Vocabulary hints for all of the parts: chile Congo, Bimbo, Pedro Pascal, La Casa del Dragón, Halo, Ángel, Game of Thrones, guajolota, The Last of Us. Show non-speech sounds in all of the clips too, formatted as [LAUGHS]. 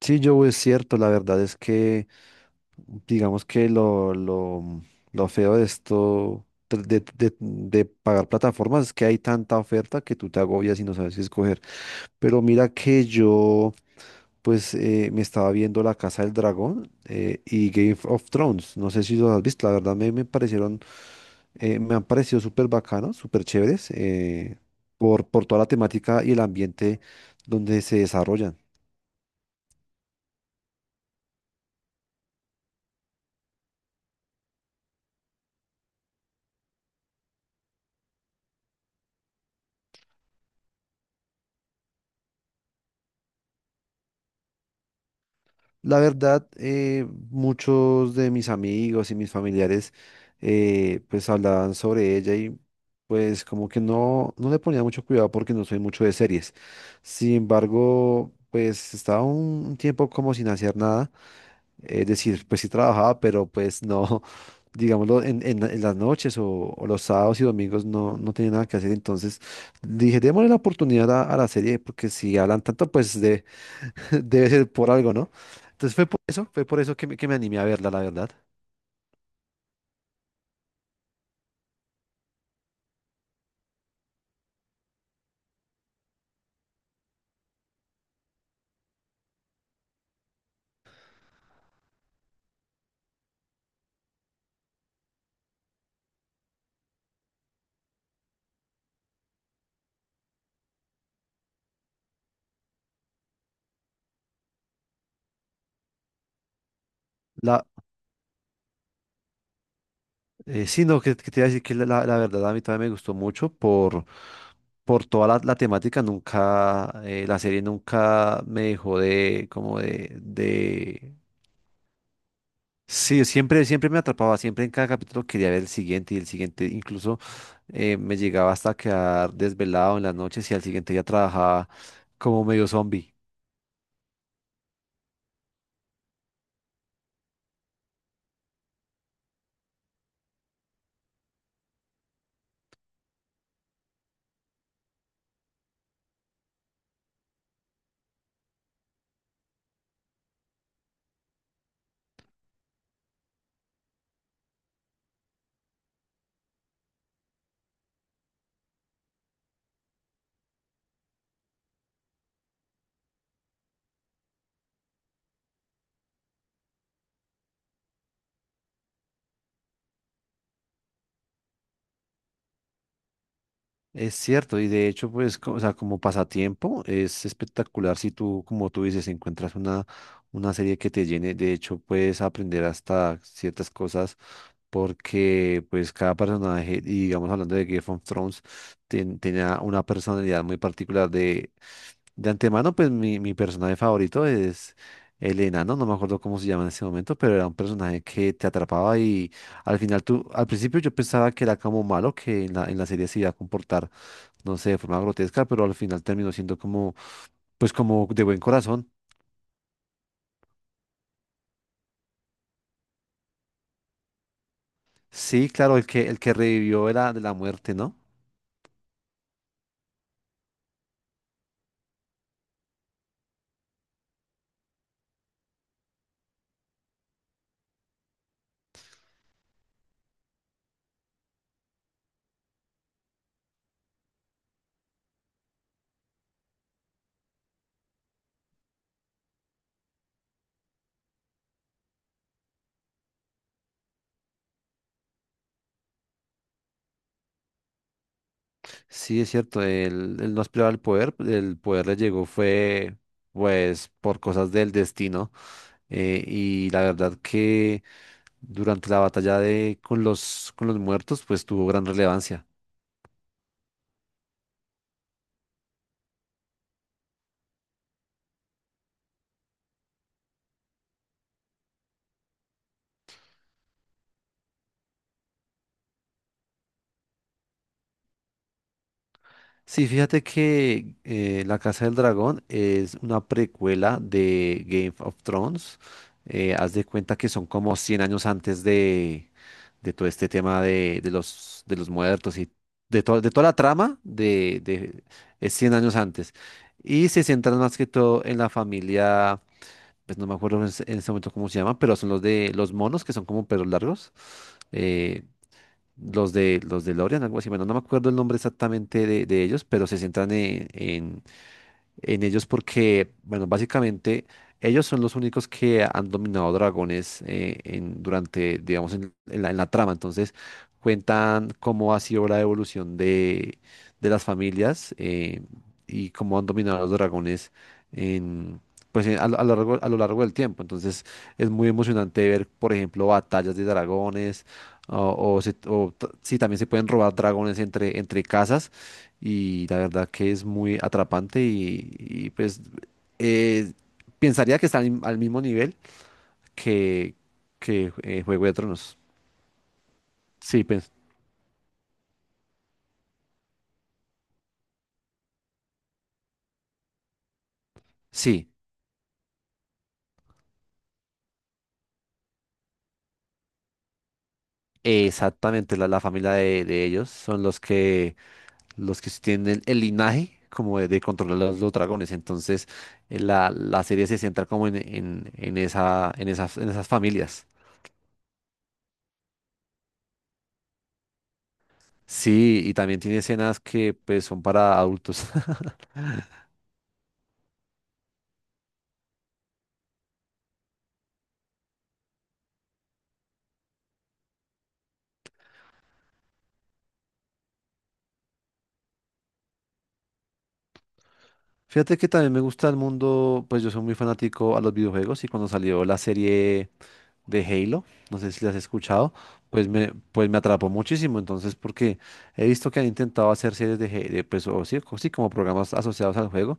Sí, yo es cierto, la verdad es que digamos que lo feo de esto, de pagar plataformas, es que hay tanta oferta que tú te agobias y no sabes qué escoger. Pero mira que yo, pues, me estaba viendo La Casa del Dragón y Game of Thrones. No sé si los has visto, la verdad me me han parecido súper bacanos, súper chéveres, por toda la temática y el ambiente donde se desarrollan. La verdad, muchos de mis amigos y mis familiares pues hablaban sobre ella y pues como que no, no le ponía mucho cuidado porque no soy mucho de series. Sin embargo, pues estaba un tiempo como sin hacer nada. Es decir, pues sí trabajaba, pero pues no, [LAUGHS] digámoslo, en las noches o los sábados y domingos no, no tenía nada que hacer. Entonces dije, démosle la oportunidad a la serie porque si hablan tanto, pues [LAUGHS] debe ser por algo, ¿no? Entonces fue por eso que que me animé a verla, la verdad. La, sí, no, que te iba a decir que la verdad a mí también me gustó mucho por toda la temática. Nunca, la serie nunca me dejó de, como de... Sí, siempre, siempre me atrapaba, siempre en cada capítulo quería ver el siguiente y el siguiente. Incluso me llegaba hasta quedar desvelado en las noches y al siguiente ya trabajaba como medio zombie. Es cierto, y de hecho, pues, o sea, como pasatiempo, es espectacular si tú, como tú dices, encuentras una serie que te llene. De hecho, puedes aprender hasta ciertas cosas porque, pues, cada personaje, y digamos, hablando de Game of Thrones, tenía una personalidad muy particular. De antemano, pues, mi personaje favorito es el enano, no me acuerdo cómo se llama en ese momento, pero era un personaje que te atrapaba y al final tú, al principio yo pensaba que era como malo, que en en la serie se iba a comportar no sé, de forma grotesca, pero al final terminó siendo como, pues como de buen corazón. Sí, claro, el que revivió era de la muerte, ¿no? Sí, es cierto, él no aspiraba al poder, el poder le llegó fue, pues, por cosas del destino. Y la verdad que durante la batalla de, con los muertos, pues tuvo gran relevancia. Sí, fíjate que La Casa del Dragón es una precuela de Game of Thrones. Haz de cuenta que son como 100 años antes de todo este tema de los muertos y de, de toda la trama es 100 años antes. Y se centran más que todo en la familia, pues no me acuerdo en ese momento cómo se llama, pero son los de los monos que son como perros largos. Eh, los de Lorian, algo así. Bueno, no me acuerdo el nombre exactamente de ellos, pero se centran en, en ellos porque, bueno, básicamente ellos son los únicos que han dominado dragones en, durante, digamos, en en la trama. Entonces, cuentan cómo ha sido la evolución de las familias y cómo han dominado los dragones en... Pues a lo largo del tiempo. Entonces es muy emocionante ver, por ejemplo, batallas de dragones o, sí, también se pueden robar dragones entre, entre casas y la verdad que es muy atrapante y, pues eh, pensaría que está al, al mismo nivel que, que Juego de Tronos. Sí, pues, sí, exactamente, la familia de ellos son los que tienen el linaje como de controlar los dragones, entonces la serie se centra como en, en en esas familias. Sí, y también tiene escenas que pues son para adultos. [LAUGHS] Fíjate que también me gusta el mundo, pues yo soy muy fanático a los videojuegos y cuando salió la serie de Halo, no sé si la has escuchado, pues me atrapó muchísimo. Entonces, porque he visto que han intentado hacer series de, Halo, pues o sí, sí, como programas asociados al juego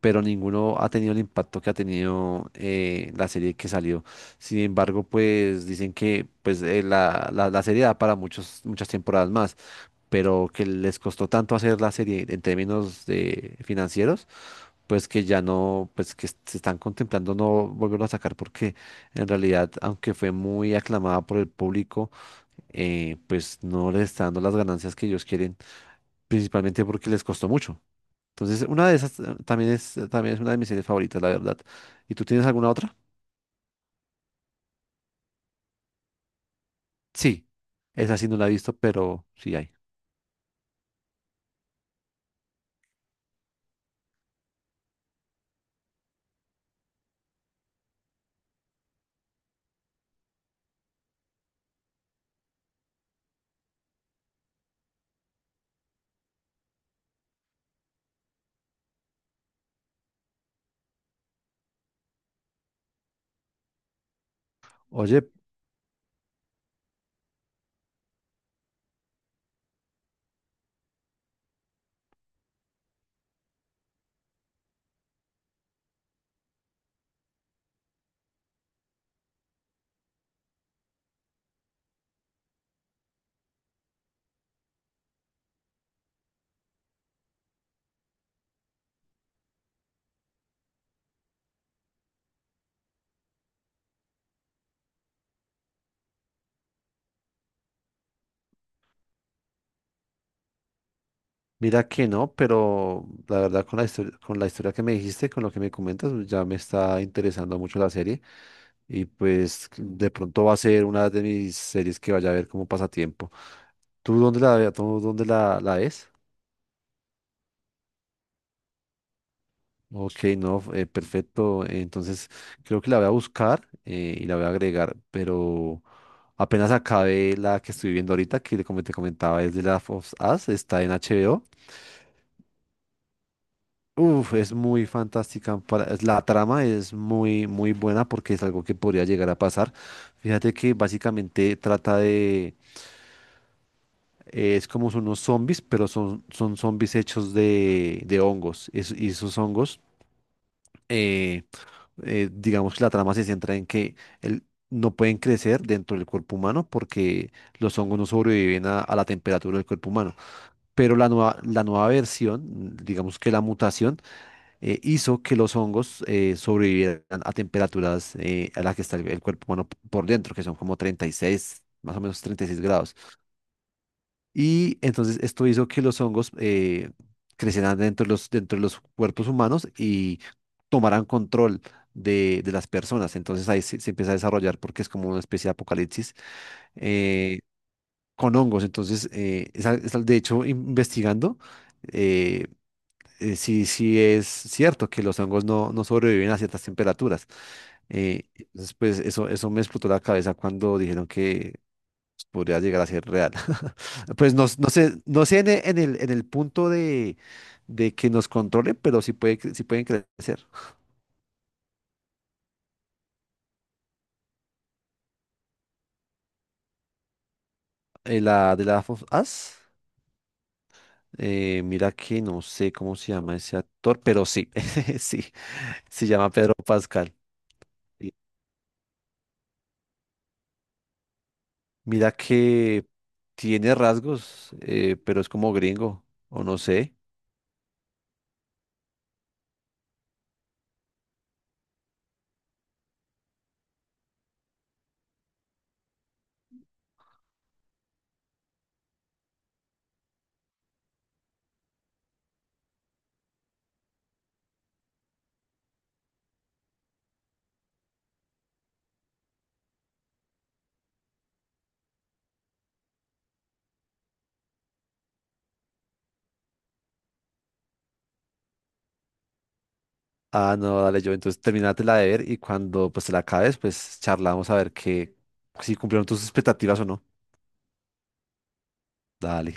pero ninguno ha tenido el impacto que ha tenido la serie que salió. Sin embargo, pues dicen que pues, la serie da para muchas temporadas más, pero que les costó tanto hacer la serie en términos de financieros, pues que ya no, pues que se están contemplando no volverlo a sacar porque en realidad, aunque fue muy aclamada por el público, pues no les está dando las ganancias que ellos quieren, principalmente porque les costó mucho. Entonces, una de esas también es una de mis series favoritas, la verdad. ¿Y tú tienes alguna otra? Sí, esa sí no la he visto, pero sí hay. Oye, mira que no, pero la verdad con la historia que me dijiste, con lo que me comentas, pues, ya me está interesando mucho la serie y pues de pronto va a ser una de mis series que vaya a ver como pasatiempo. ¿Tú dónde la, la ves? Ok, no, perfecto. Entonces, creo que la voy a buscar y la voy a agregar, pero apenas acabé la que estoy viendo ahorita, que como te comentaba es de la of Us, está en HBO. Uf, es muy fantástica. La trama es muy, muy buena porque es algo que podría llegar a pasar. Fíjate que básicamente trata de... es como son unos zombies, pero son, son zombies hechos de hongos. Y esos hongos... eh, digamos que la trama se centra en que no pueden crecer dentro del cuerpo humano porque los hongos no sobreviven a la temperatura del cuerpo humano. Pero la nueva versión, mm, digamos que la mutación, hizo que los hongos sobrevivieran a temperaturas a las que está el cuerpo humano por dentro, que son como 36, más o menos 36 grados. Y entonces esto hizo que los hongos crecieran dentro de los cuerpos humanos y tomaran control de las personas. Entonces ahí se, se empieza a desarrollar porque es como una especie de apocalipsis eh, con hongos. Entonces, de hecho, investigando, eh, sí, sí es cierto que los hongos no, no sobreviven a ciertas temperaturas. Entonces, pues eso me explotó la cabeza cuando dijeron que podría llegar a ser real. [LAUGHS] Pues no, no sé, no sé en, en el punto de que nos controle, pero sí, puede, sí pueden crecer. La de la of Us, mira que no sé cómo se llama ese actor, pero sí, [LAUGHS] sí, se llama Pedro Pascal. Sí. Mira que tiene rasgos, pero es como gringo, o no sé. Ah, no, dale yo, entonces terminatela de ver y cuando pues te la acabes, pues charlamos a ver que si cumplieron tus expectativas o no. Dale.